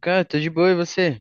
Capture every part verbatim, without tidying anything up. Cara, tô de boa, e você?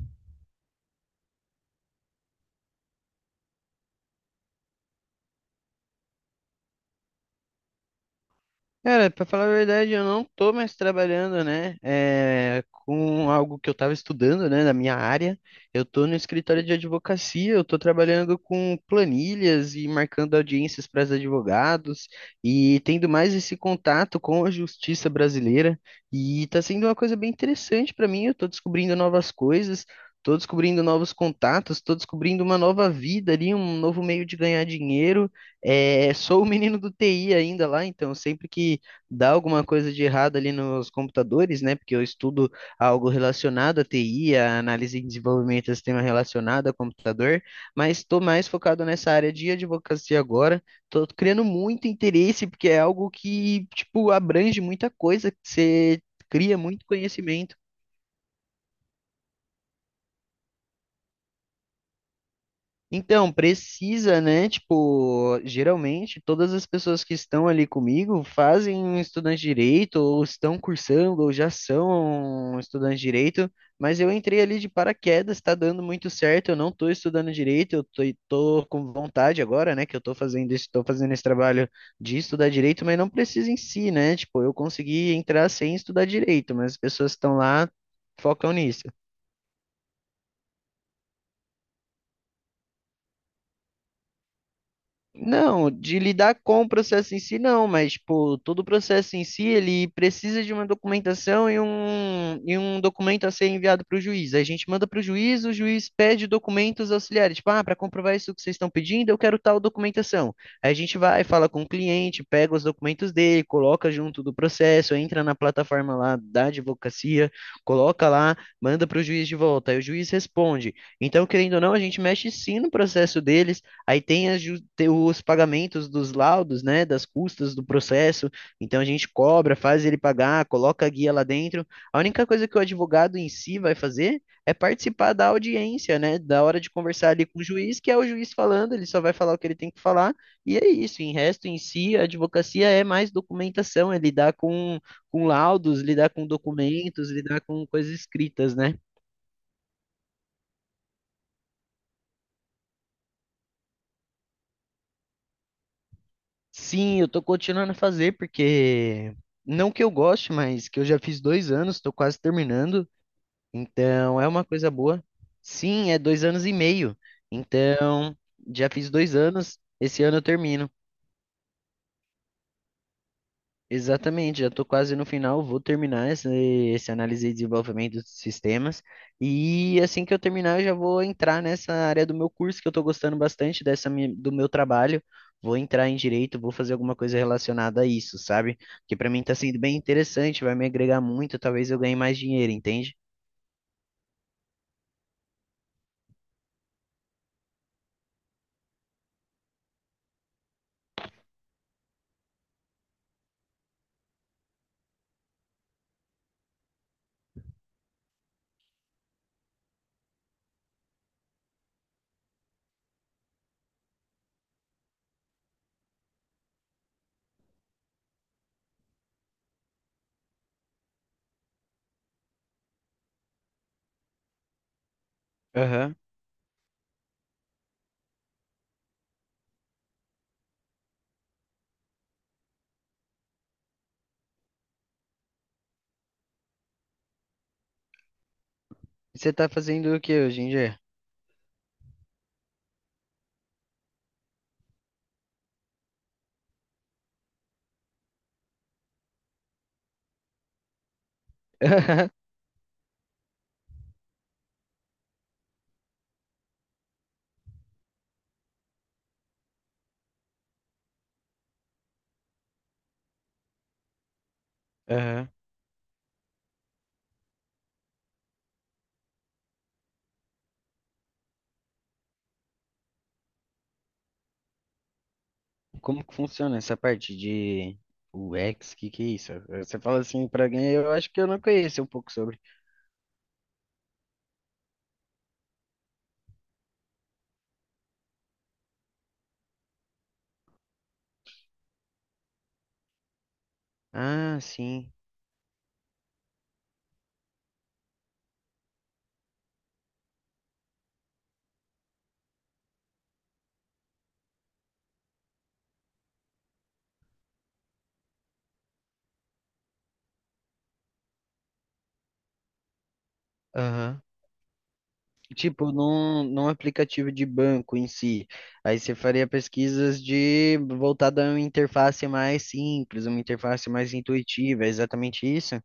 Cara, pra falar a verdade, eu não tô mais trabalhando, né? É, com algo que eu tava estudando, né, na minha área. Eu tô no escritório de advocacia, eu tô trabalhando com planilhas e marcando audiências para os advogados e tendo mais esse contato com a justiça brasileira. E tá sendo uma coisa bem interessante pra mim, eu tô descobrindo novas coisas. Tô descobrindo novos contatos, tô descobrindo uma nova vida ali, um novo meio de ganhar dinheiro. É, sou o menino do T I ainda lá, então sempre que dá alguma coisa de errado ali nos computadores, né? Porque eu estudo algo relacionado à T I, a análise e desenvolvimento de sistema relacionado a computador, mas estou mais focado nessa área de advocacia agora. Estou criando muito interesse, porque é algo que, tipo, abrange muita coisa, que você cria muito conhecimento. Então, precisa, né? Tipo, geralmente todas as pessoas que estão ali comigo fazem um estudante de direito, ou estão cursando, ou já são estudantes de direito, mas eu entrei ali de paraquedas, está dando muito certo, eu não estou estudando direito, eu tô, tô com vontade agora, né, que eu estou fazendo isso, estou fazendo esse trabalho de estudar direito, mas não precisa em si, né? Tipo, eu consegui entrar sem estudar direito, mas as pessoas que estão lá focam nisso. Não, de lidar com o processo em si, não, mas, pô, todo o processo em si, ele precisa de uma documentação e um, e um documento a ser enviado para o juiz. Aí a gente manda para o juiz, o juiz pede documentos auxiliares, tipo, ah, para comprovar isso que vocês estão pedindo, eu quero tal documentação. Aí a gente vai, fala com o cliente, pega os documentos dele, coloca junto do processo, entra na plataforma lá da advocacia, coloca lá, manda para o juiz de volta, aí o juiz responde. Então, querendo ou não, a gente mexe sim no processo dele. Aí tem, as ju- tem os pagamentos dos laudos, né, das custas do processo. Então a gente cobra, faz ele pagar, coloca a guia lá dentro. A única coisa que o advogado em si vai fazer é participar da audiência, né, da hora de conversar ali com o juiz, que é o juiz falando, ele só vai falar o que ele tem que falar. E é isso, em resto em si, a advocacia é mais documentação, é lidar com, com laudos, lidar com documentos, lidar com coisas escritas, né? Sim, eu tô continuando a fazer, porque não que eu goste, mas que eu já fiz dois anos, tô quase terminando, então é uma coisa boa. Sim, é dois anos e meio, então já fiz dois anos, esse ano eu termino. Exatamente, já estou quase no final, vou terminar esse, esse análise e desenvolvimento de sistemas. E assim que eu terminar, eu já vou entrar nessa área do meu curso, que eu estou gostando bastante dessa mi- do meu trabalho. Vou entrar em direito, vou fazer alguma coisa relacionada a isso, sabe? Que para mim está sendo bem interessante, vai me agregar muito, talvez eu ganhe mais dinheiro, entende? Aham. Você está fazendo o que hoje em dia? Aham. Como que funciona essa parte de U X? Que que é isso? Você fala assim pra alguém, eu acho que eu não conheço um pouco sobre. Ah, sim. Aham. Tipo, num, num aplicativo de banco em si. Aí você faria pesquisas de voltada a uma interface mais simples, uma interface mais intuitiva, é exatamente isso?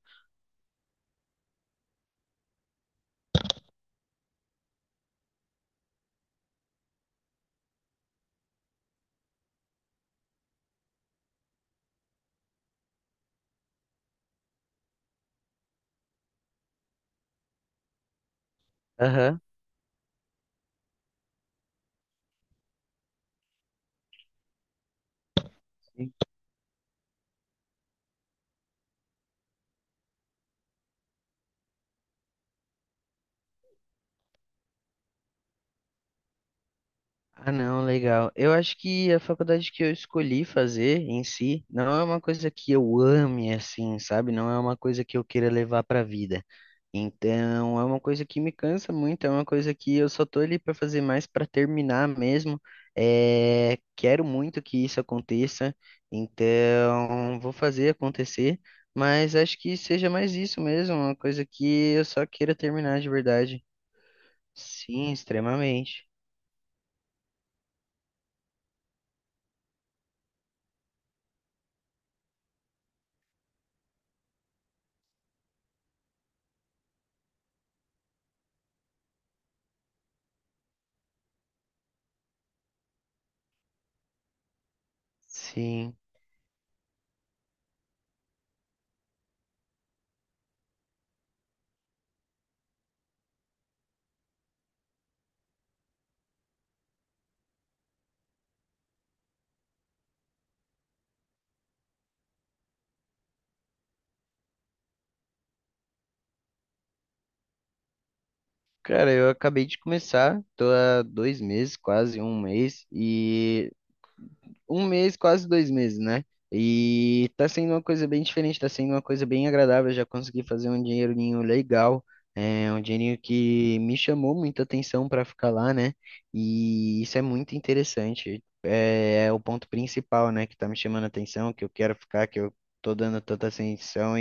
Aham. Ah, não, legal. Eu acho que a faculdade que eu escolhi fazer em si não é uma coisa que eu ame assim, sabe? Não é uma coisa que eu queira levar para a vida. Então, é uma coisa que me cansa muito, é uma coisa que eu só tô ali para fazer mais para terminar mesmo. É, quero muito que isso aconteça, então vou fazer acontecer, mas acho que seja mais isso mesmo, uma coisa que eu só queira terminar de verdade. Sim, extremamente. Sim. Cara, eu acabei de começar, tô há dois meses, quase um mês, e um mês, quase dois meses, né? E tá sendo uma coisa bem diferente, tá sendo uma coisa bem agradável. Eu já consegui fazer um dinheirinho legal, é um dinheirinho que me chamou muita atenção pra ficar lá, né? E isso é muito interessante. É, é o ponto principal, né, que tá me chamando a atenção, que eu quero ficar, que eu tô dando tanta atenção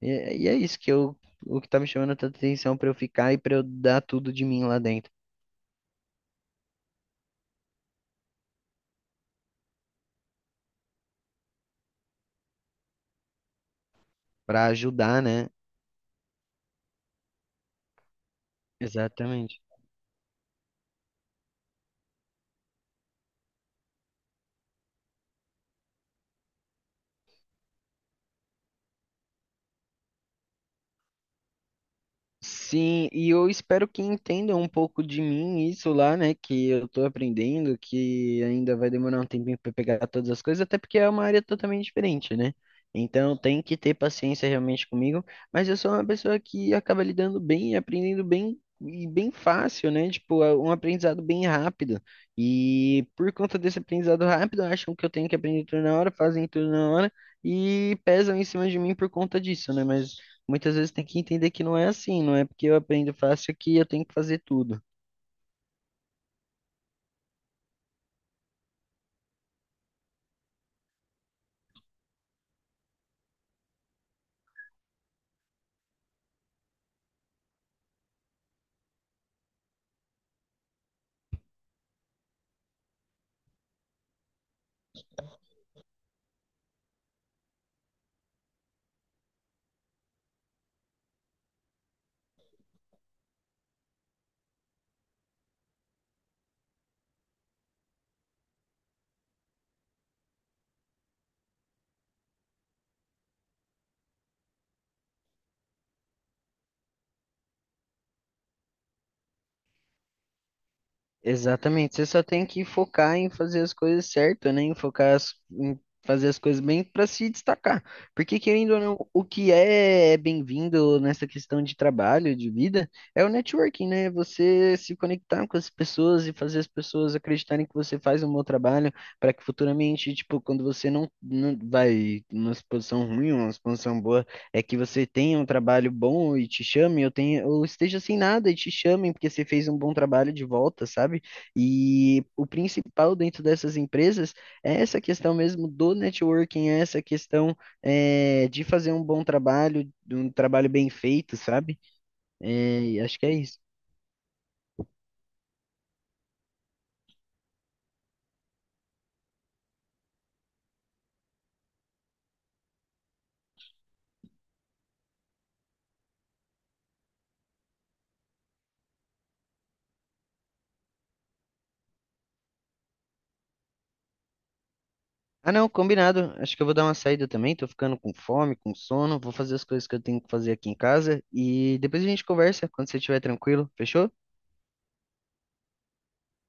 e, é e é isso que eu, o que tá me chamando tanta atenção pra eu ficar e pra eu dar tudo de mim lá dentro. Pra ajudar, né? Exatamente. Sim, e eu espero que entendam um pouco de mim isso lá, né? Que eu tô aprendendo, que ainda vai demorar um tempinho para pegar todas as coisas, até porque é uma área totalmente diferente, né? Então tem que ter paciência realmente comigo, mas eu sou uma pessoa que acaba lidando bem, e aprendendo bem e bem fácil, né? Tipo, é um aprendizado bem rápido. E por conta desse aprendizado rápido, acham que eu tenho que aprender tudo na hora, fazem tudo na hora e pesam em cima de mim por conta disso, né? Mas muitas vezes tem que entender que não é assim, não é porque eu aprendo fácil que eu tenho que fazer tudo. Exatamente, você só tem que focar em fazer as coisas certas, né? Em focar as- em fazer as coisas bem para se destacar. Porque, querendo ou não, o que é é bem-vindo nessa questão de trabalho, de vida, é o networking, né? Você se conectar com as pessoas e fazer as pessoas acreditarem que você faz um bom trabalho para que futuramente, tipo, quando você não, não vai numa posição ruim, uma posição boa é que você tenha um trabalho bom e te chamem, eu tenha, ou esteja sem nada e te chamem porque você fez um bom trabalho de volta, sabe? E o principal dentro dessas empresas é essa questão mesmo do networking, é essa questão é, de fazer um bom trabalho, de um trabalho bem feito, sabe? É, e acho que é isso. Ah, não, combinado. Acho que eu vou dar uma saída também. Tô ficando com fome, com sono. Vou fazer as coisas que eu tenho que fazer aqui em casa. E depois a gente conversa quando você estiver tranquilo. Fechou?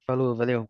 Falou, valeu.